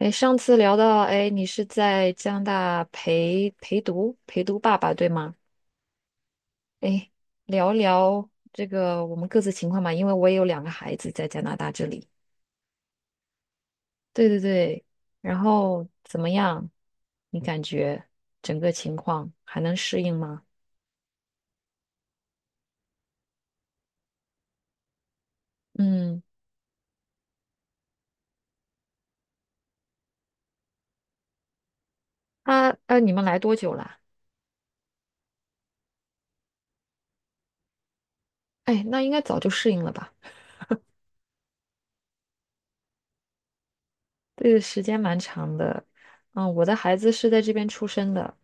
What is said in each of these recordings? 哎，上次聊到，哎，你是在加拿大陪读爸爸，对吗？哎，聊聊这个我们各自情况吧，因为我也有2个孩子在加拿大这里。对对对，然后怎么样？你感觉整个情况还能适应吗？嗯，啊啊，你们来多久啦？哎，那应该早就适应了吧？对，时间蛮长的。嗯，我的孩子是在这边出生的，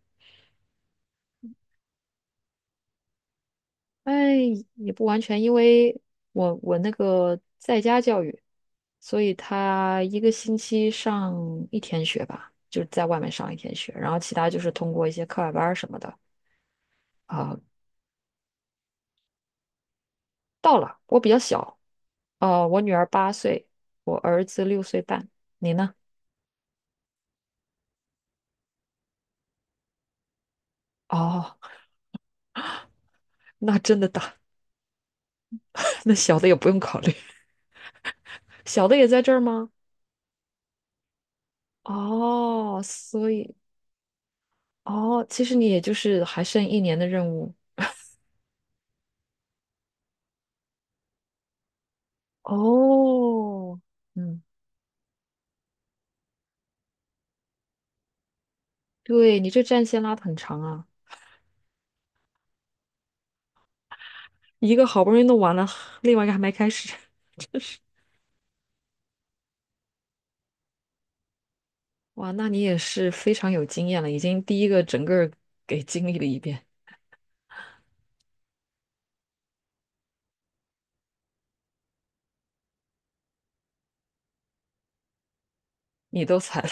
哎，也不完全，因为我那个在家教育，所以他一个星期上一天学吧，就是在外面上一天学，然后其他就是通过一些课外班儿什么的啊、到了，我比较小，我女儿8岁，我儿子6岁半，你呢？哦，那真的大，那小的也不用考虑，小的也在这儿吗？哦，所以哦，其实你也就是还剩一年的任务哦。嗯。对，你这战线拉的很长啊，一个好不容易弄完了，另外一个还没开始。哇，那你也是非常有经验了，已经第一个整个儿给经历了一遍，你都踩了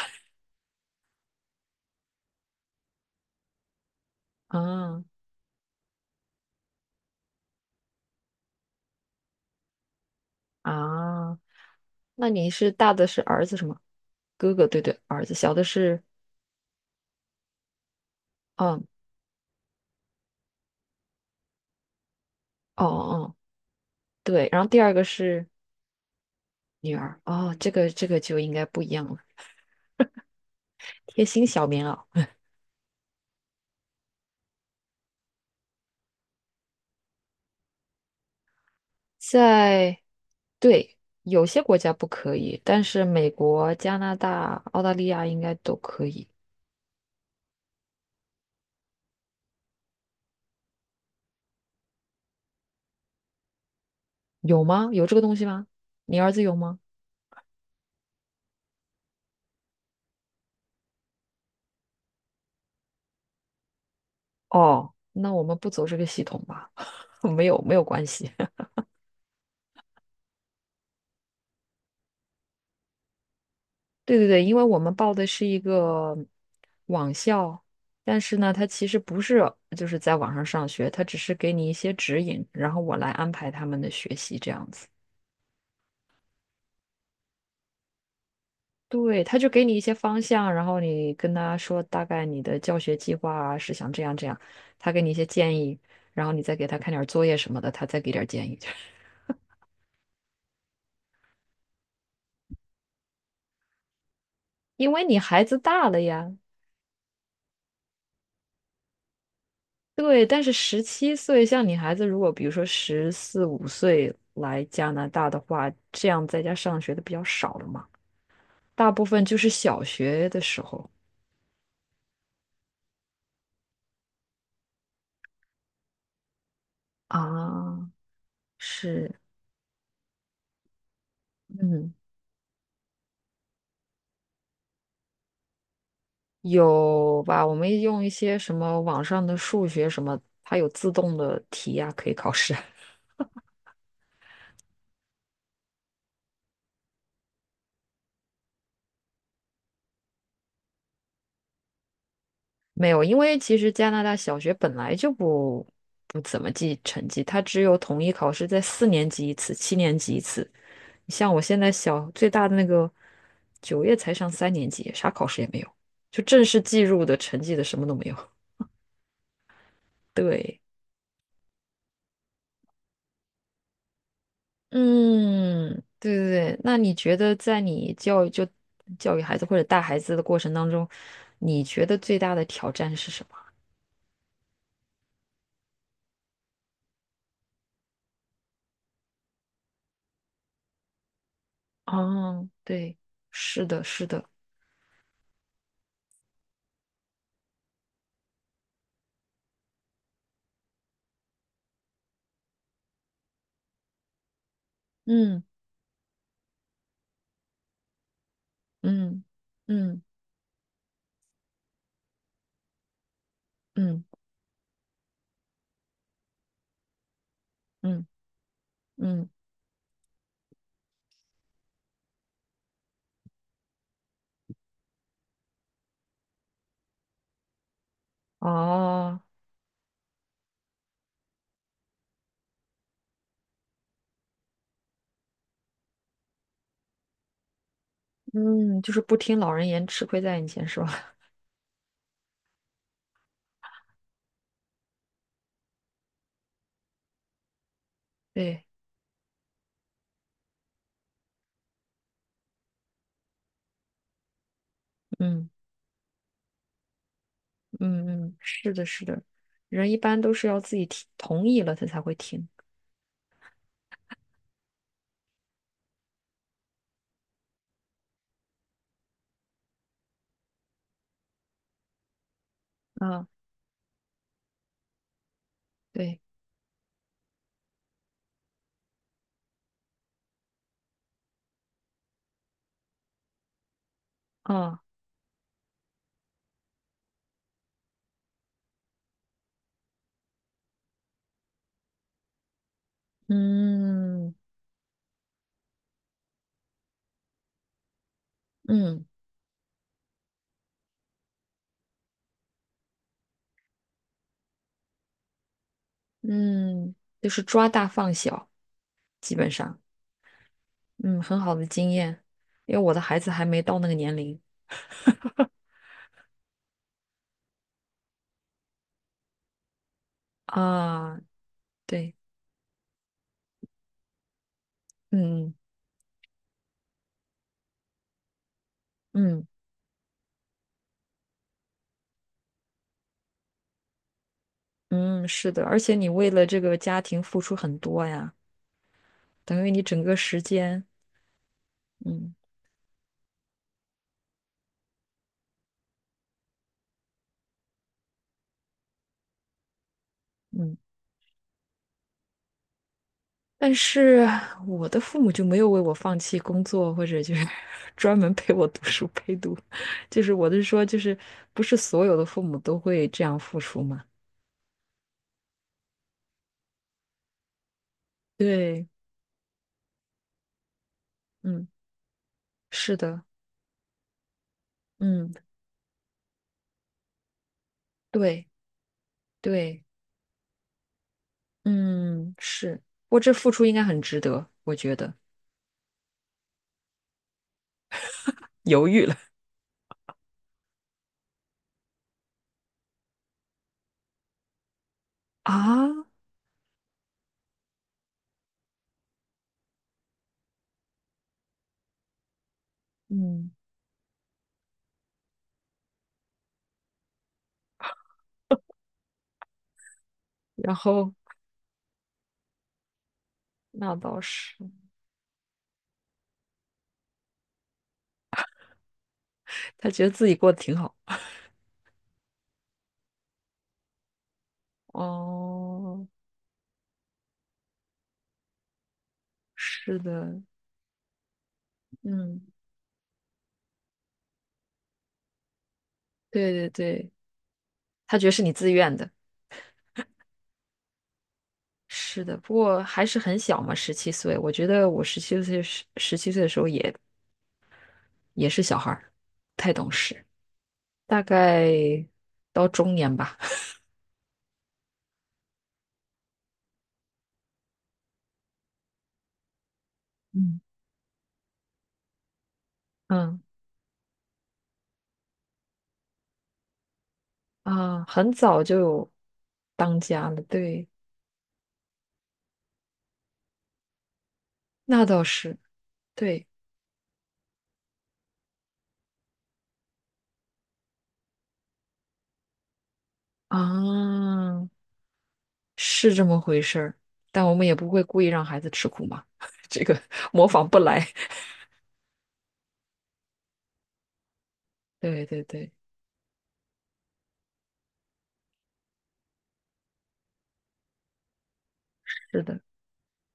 啊啊！那你是大的是儿子是吗？哥哥，对对，儿子，小的是，嗯，哦哦哦，对，然后第二个是女儿，哦，这个就应该不一样了，贴心小棉袄，在。对，有些国家不可以，但是美国、加拿大、澳大利亚应该都可以。有吗？有这个东西吗？你儿子有吗？哦，那我们不走这个系统吧，没有没有关系。对对对，因为我们报的是一个网校，但是呢，他其实不是就是在网上上学，他只是给你一些指引，然后我来安排他们的学习这样子。对，他就给你一些方向，然后你跟他说大概你的教学计划啊是想这样这样，他给你一些建议，然后你再给他看点儿作业什么的，他再给点儿建议。因为你孩子大了呀，对，但是十七岁，像你孩子如果比如说十四五岁来加拿大的话，这样在家上学的比较少了嘛，大部分就是小学的时候啊、是，嗯。有吧？我们用一些什么网上的数学什么，它有自动的题呀、可以考试啊。没有，因为其实加拿大小学本来就不怎么记成绩，它只有统一考试在4年级一次，7年级一次。你像我现在小最大的那个，9月才上3年级，啥考试也没有，就正式计入的成绩的什么都没有。对。嗯，对对对，那你觉得在你教育就教育孩子或者带孩子的过程当中，你觉得最大的挑战是什么？哦，对，是的，是的，嗯嗯嗯嗯嗯嗯，哦，嗯，就是不听老人言，吃亏在眼前，是吧？对，嗯嗯嗯，是的，是的，人一般都是要自己听同意了，他才会听。啊，对，啊，嗯嗯。嗯，就是抓大放小，基本上，嗯，很好的经验，因为我的孩子还没到那个年龄啊，对，嗯嗯嗯，是的，而且你为了这个家庭付出很多呀，等于你整个时间，嗯嗯，但是我的父母就没有为我放弃工作，或者就是 专门陪我读书陪读，就是我的说，就是不是所有的父母都会这样付出嘛？对，嗯，是的，嗯。对，对，嗯，是，我这付出应该很值得，我觉得。犹豫了 啊，嗯，然后那倒是，他觉得自己过得挺好。哦，是的，嗯，对对对，他觉得是你自愿的，是的。不过还是很小嘛，十七岁，我觉得我十七岁的时候也是小孩儿，不太懂事，大概到中年吧。嗯嗯。啊，很早就有当家了，对，那倒是，对啊，是这么回事儿。但我们也不会故意让孩子吃苦嘛，这个模仿不来。对对对，是的。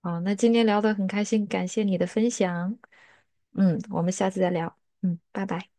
啊，那今天聊得很开心，感谢你的分享。嗯，我们下次再聊。嗯，拜拜。